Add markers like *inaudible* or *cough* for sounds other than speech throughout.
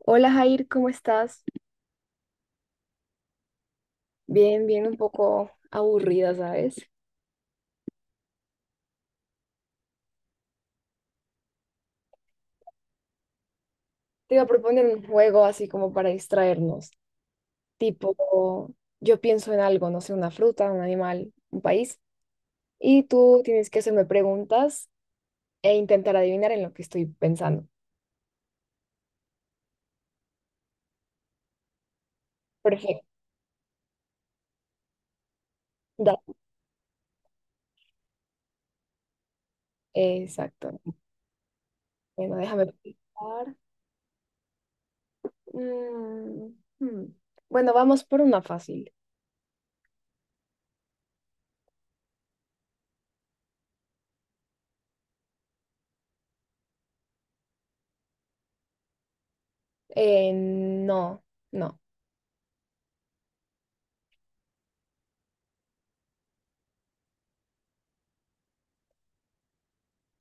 Hola Jair, ¿cómo estás? Bien, bien, un poco aburrida, ¿sabes? Te iba a proponer un juego así como para distraernos, tipo, yo pienso en algo, no sé, una fruta, un animal, un país, y tú tienes que hacerme preguntas e intentar adivinar en lo que estoy pensando. Perfecto. da- exacto. Bueno, déjame pensar. Mm, hmm. Bueno, vamos por una fácil. No, no.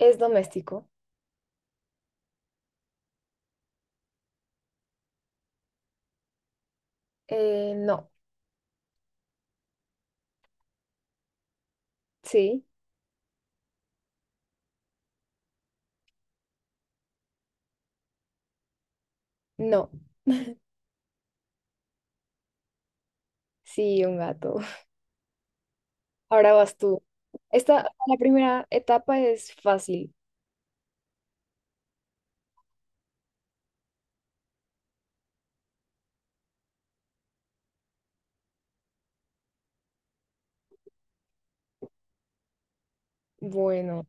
¿Es doméstico? No. Sí, no. Sí, un gato. *laughs* Ahora vas tú. Esta, la primera etapa es fácil. Bueno,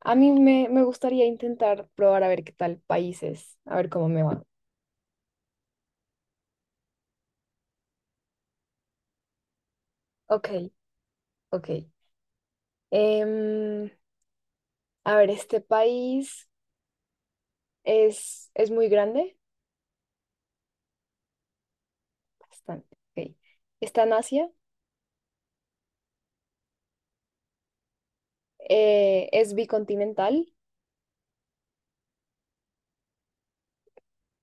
a mí me gustaría intentar probar a ver qué tal países, a ver cómo me va. Ok, ok. Em, a ver, este país es muy grande. Bastante. Ok. Está en Asia. Es bicontinental.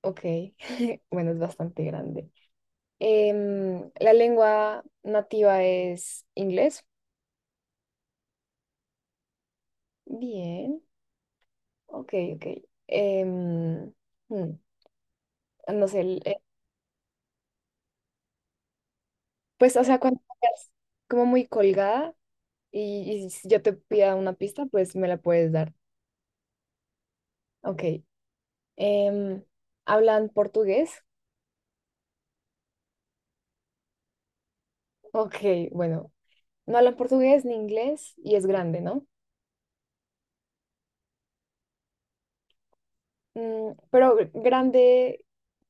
Ok, *laughs* bueno, es bastante grande. La lengua nativa es inglés. Bien. Ok, ok. Em, mm, no sé, pues, o sea, cuando estás como muy colgada y si yo te pida una pista, pues me la puedes dar. Ok. Em, ¿Hablan portugués? Ok, bueno, no hablan portugués ni inglés y es grande, ¿no? Pero grande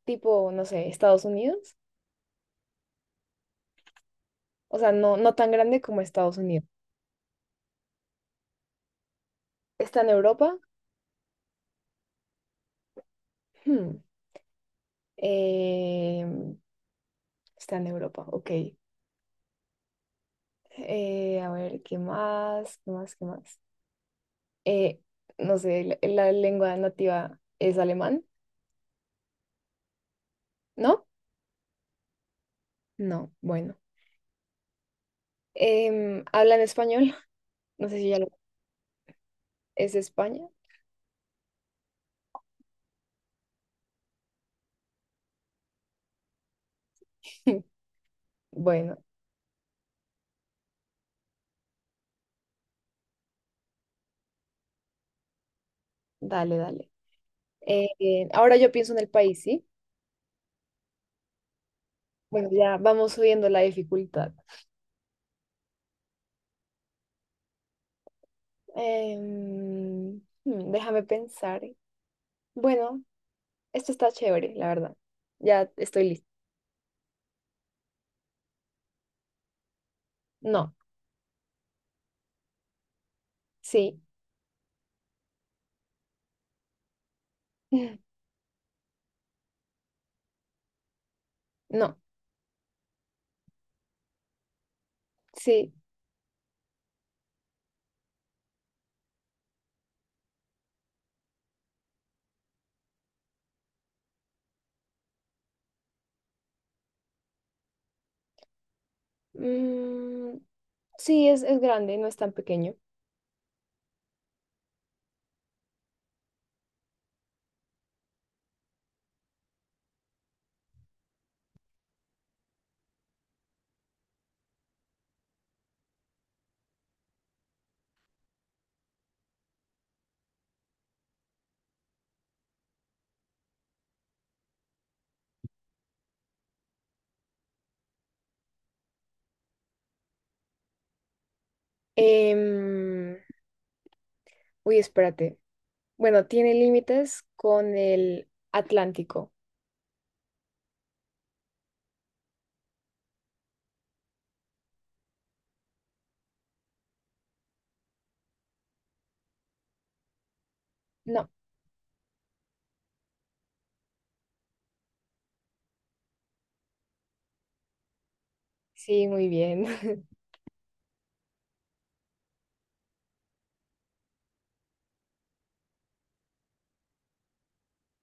tipo, no sé, Estados Unidos. O sea, no tan grande como Estados Unidos. ¿Está en Europa? Hmm, em, Está en Europa, ok. A ver, ¿qué más? ¿Qué más? ¿Qué más? Eh, no sé, la lengua nativa es alemán, ¿no? No, bueno. ¿Hablan español? *laughs* No sé si ya lo. ¿Es España? *laughs* Bueno, dale, dale. Ahora yo pienso en el país, ¿sí? Bueno, ya vamos subiendo la dificultad. Déjame pensar. Bueno, esto está chévere, la verdad. Ya estoy lista. No, sí, *laughs* no, sí. Mm, Sí, es grande, no es tan pequeño. Em, Uy, espérate. Bueno, tiene límites con el Atlántico. No, sí, muy bien. *laughs*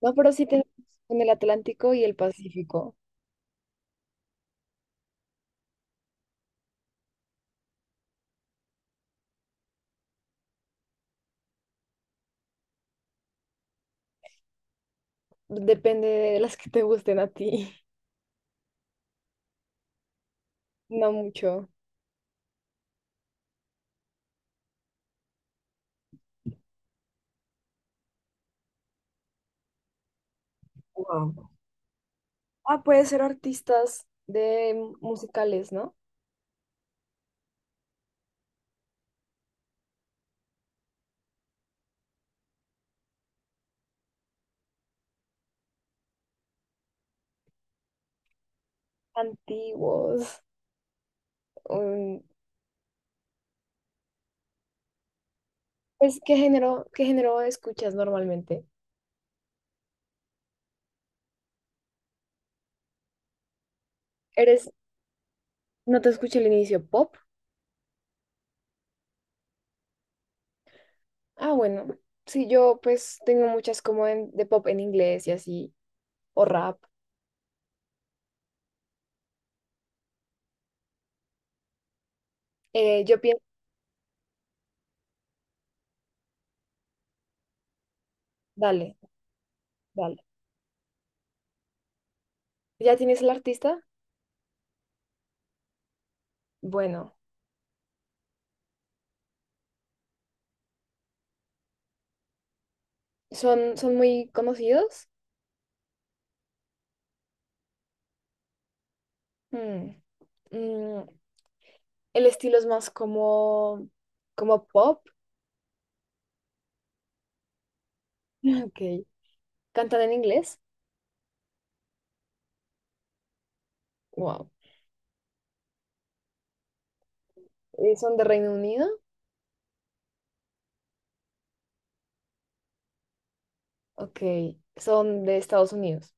No, pero sí tenemos con el Atlántico y el Pacífico. Depende de las que te gusten a ti. *laughs* No mucho. Wow. Ah, puede ser artistas de musicales, ¿no? Antiguos. um, pues, ¿qué género escuchas normalmente? ¿Eres, no te escuché el inicio, pop? Ah, bueno, sí, yo pues tengo muchas como de pop en inglés y así, o rap. Yo pienso, dale, dale. ¿Ya tienes el artista? Bueno. ¿Son muy conocidos? Mm, mm, el estilo es más como pop. *laughs* Ok. ¿Cantan en inglés? Wow. ¿Son de Reino Unido? Ok. ¿Son de Estados Unidos?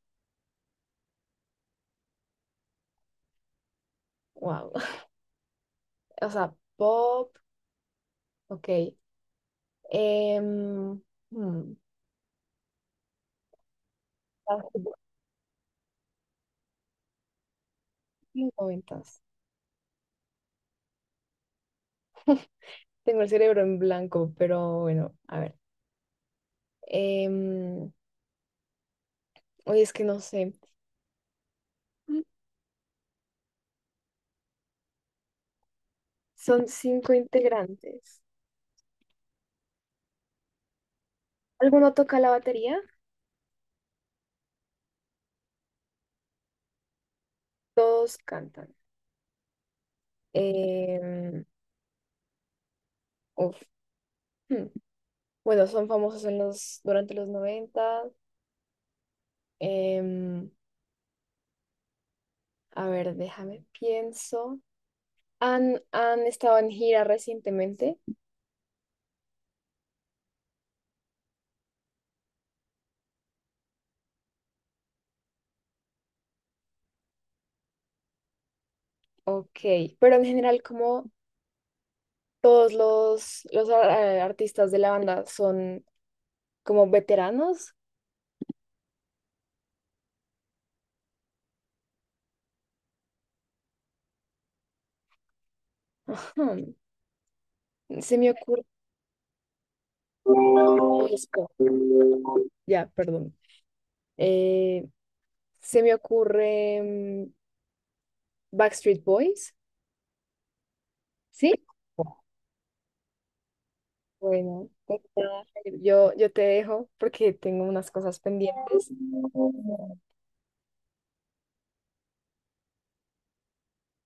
Wow. *laughs* O sea, pop, ok. Em, hmm, 90. Tengo el cerebro en blanco, pero bueno, a ver. Em, Oye, es que no sé. Son cinco integrantes. ¿Alguno toca la batería? Todos cantan. Em, uf, hmm. Bueno, son famosos en los, durante los noventa. Em, a ver, déjame, pienso. ¿Han estado en gira recientemente? Ok, pero en general, como todos los artistas de la banda son como veteranos. *laughs* Ajá. Se me ocurre, ya, perdón. Eh, Se me ocurre Backstreet Boys, ¿sí? Bueno, pues nada, yo te dejo porque tengo unas cosas pendientes.